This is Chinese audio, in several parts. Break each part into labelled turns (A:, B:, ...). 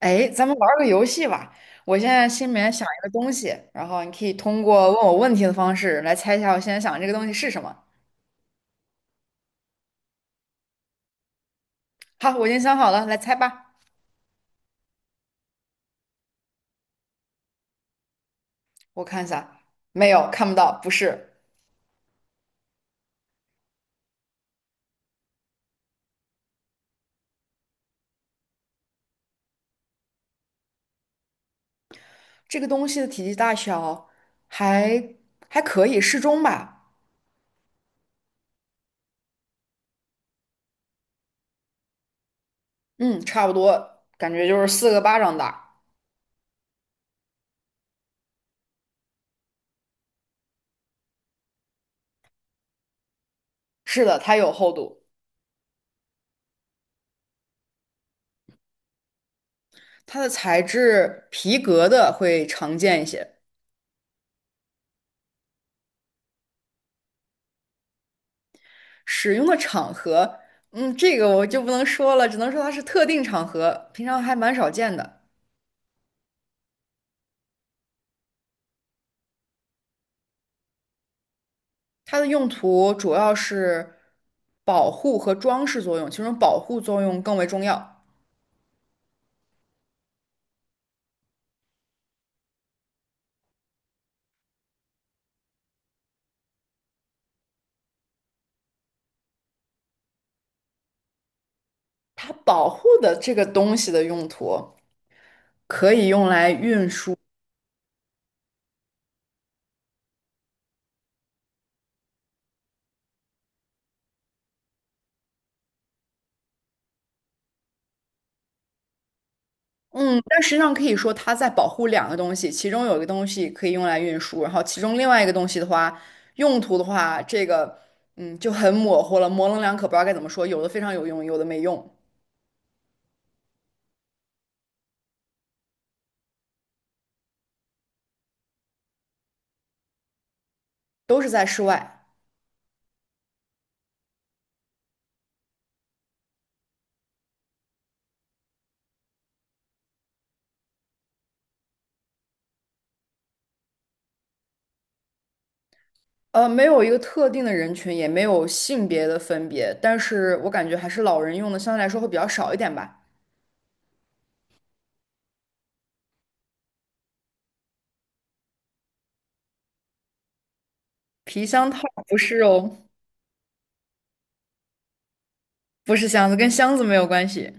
A: 哎，咱们玩儿个游戏吧。我现在心里面想一个东西，然后你可以通过问我问题的方式来猜一下我现在想的这个东西是什么。好，我已经想好了，来猜吧。我看一下，没有，看不到，不是。这个东西的体积大小还还可以，适中吧。嗯，差不多，感觉就是四个巴掌大。是的，它有厚度，它的材质皮革的会常见一些。使用的场合，嗯，这个我就不能说了，只能说它是特定场合，平常还蛮少见的。它的用途主要是保护和装饰作用，其中保护作用更为重要。它保护的这个东西的用途可以用来运输，嗯，但实际上可以说它在保护两个东西，其中有一个东西可以用来运输，然后其中另外一个东西的话，用途的话，这个就很模糊了，模棱两可，不知道该怎么说，有的非常有用，有的没用。都是在室外。没有一个特定的人群，也没有性别的分别，但是我感觉还是老人用的相对来说会比较少一点吧。皮箱套不是哦，不是箱子，跟箱子没有关系。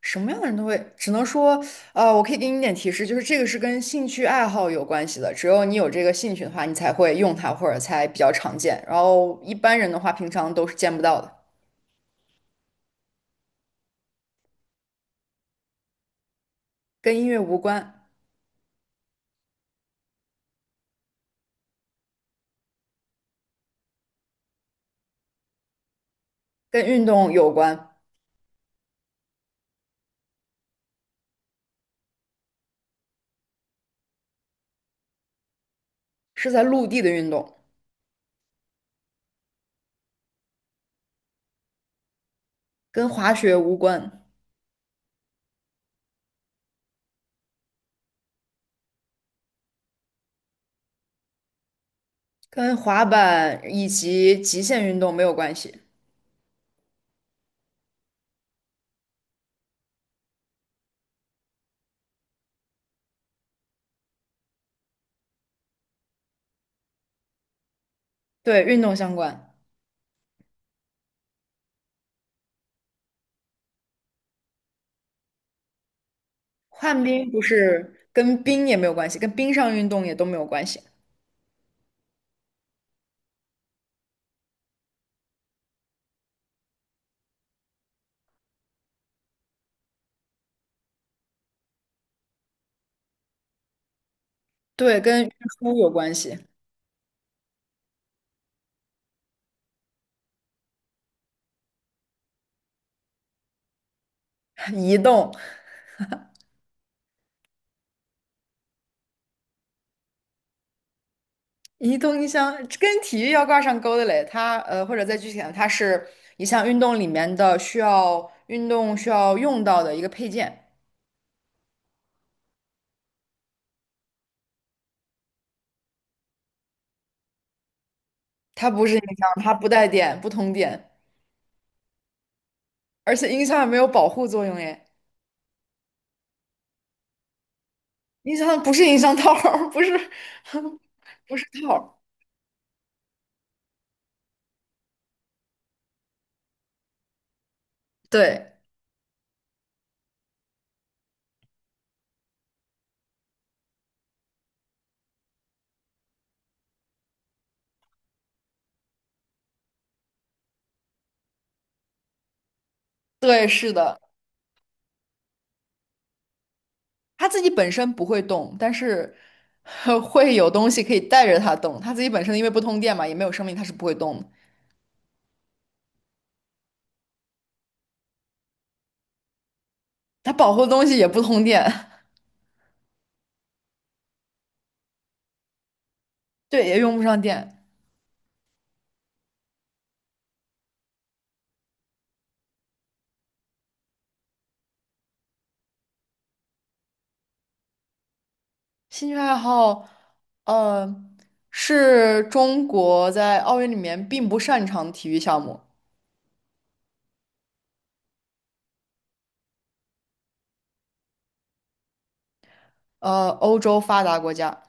A: 什么样的人都会，只能说，我可以给你一点提示，就是这个是跟兴趣爱好有关系的。只有你有这个兴趣的话，你才会用它，或者才比较常见。然后一般人的话，平常都是见不到的。跟音乐无关，跟运动有关，是在陆地的运动，跟滑雪无关。跟滑板以及极限运动没有关系，对，运动相关。旱冰不是跟冰也没有关系，跟冰上运动也都没有关系。对，跟运输有关系，移动，移动音箱跟体育要挂上钩的嘞。它或者再具体点，它是一项运动里面的需要运动需要用到的一个配件。它不是音箱，它不带电，不通电，而且音箱也没有保护作用耶。音箱不是音箱套儿 不是 不是套儿对对，是的，他自己本身不会动，但是 会有东西可以带着他动。他自己本身因为不通电嘛，也没有生命，他是不会动的。他保护的东西也不通电，对，也用不上电。兴趣爱好，呃，是中国在奥运里面并不擅长的体育项目，欧洲发达国家。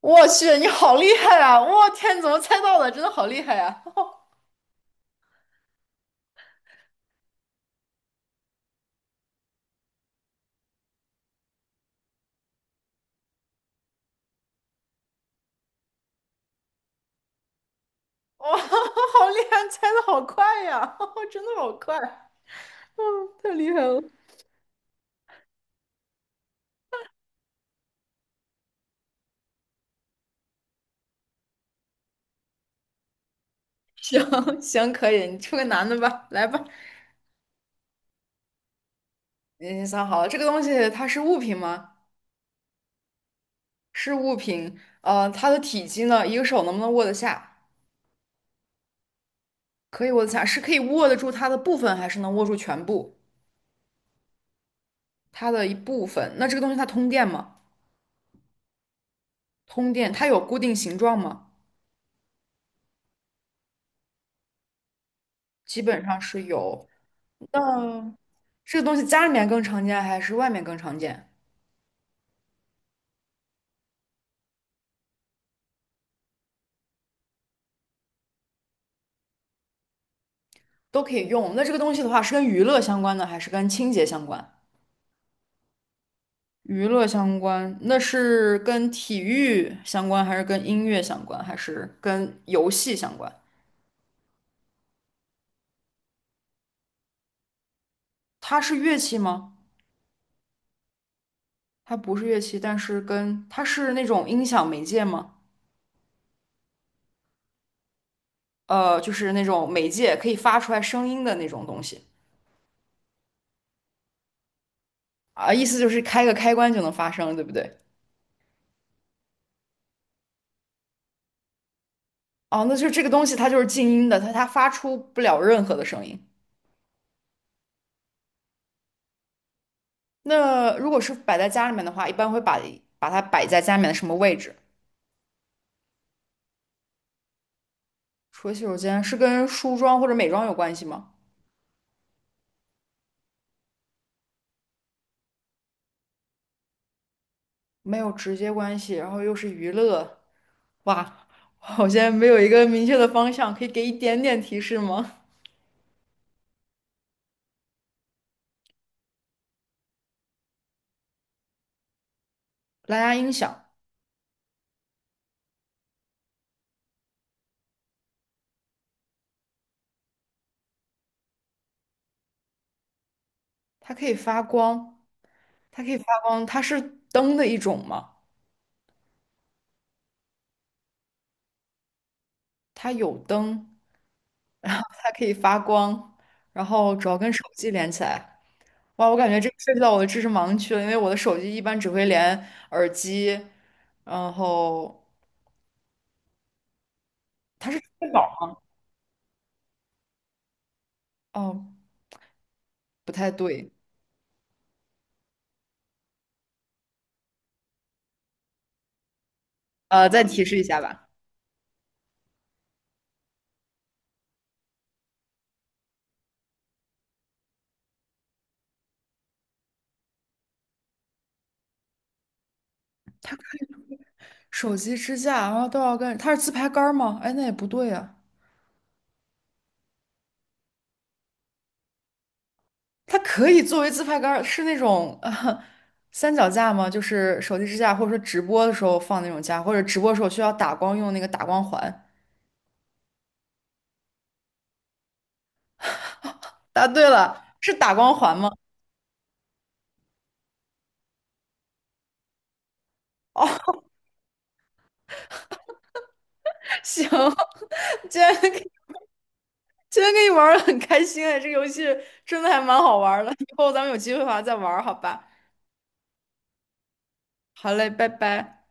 A: 我去，你好厉害啊！我天，你怎么猜到的？真的好厉害呀、哇，好厉害，猜的好快呀！真的好快啊。太厉害了！行行，可以，你出个男的吧，来吧。你想好了，这个东西它是物品吗？是物品。呃，它的体积呢？一个手能不能握得下？可以握得下，是可以握得住它的部分，还是能握住全部？它的一部分。那这个东西它通电吗？通电，它有固定形状吗？基本上是有。那这个东西家里面更常见，还是外面更常见？都可以用。那这个东西的话，是跟娱乐相关的，还是跟清洁相关？娱乐相关，那是跟体育相关，还是跟音乐相关，还是跟游戏相关？它是乐器吗？它不是乐器，但是跟它是那种音响媒介吗？就是那种媒介可以发出来声音的那种东西啊，意思就是开个开关就能发声，对不对？哦，那就这个东西它就是静音的，它发出不了任何的声音。那如果是摆在家里面的话，一般会把它摆在家里面的什么位置？除了洗手间，是跟梳妆或者美妆有关系吗？没有直接关系，然后又是娱乐，哇，我现在没有一个明确的方向，可以给一点点提示吗？蓝牙音响，它可以发光，它可以发光，它是灯的一种吗？它有灯，然后它可以发光，然后主要跟手机连起来。哇，我感觉这个涉及到我的知识盲区了，因为我的手机一般只会连耳机，然后它是充电脑吗？哦，不太对，再提示一下吧。手机支架，然后都要跟它是自拍杆儿吗？哎，那也不对呀、它可以作为自拍杆儿是那种三脚架吗？就是手机支架，或者说直播的时候放那种架，或者直播的时候需要打光用那个打光环。答对了，是打光环吗？哦，行，今天跟今天跟你玩的很开心哎，这个游戏真的还蛮好玩儿的，以后咱们有机会的话再玩儿好吧？好嘞，拜拜。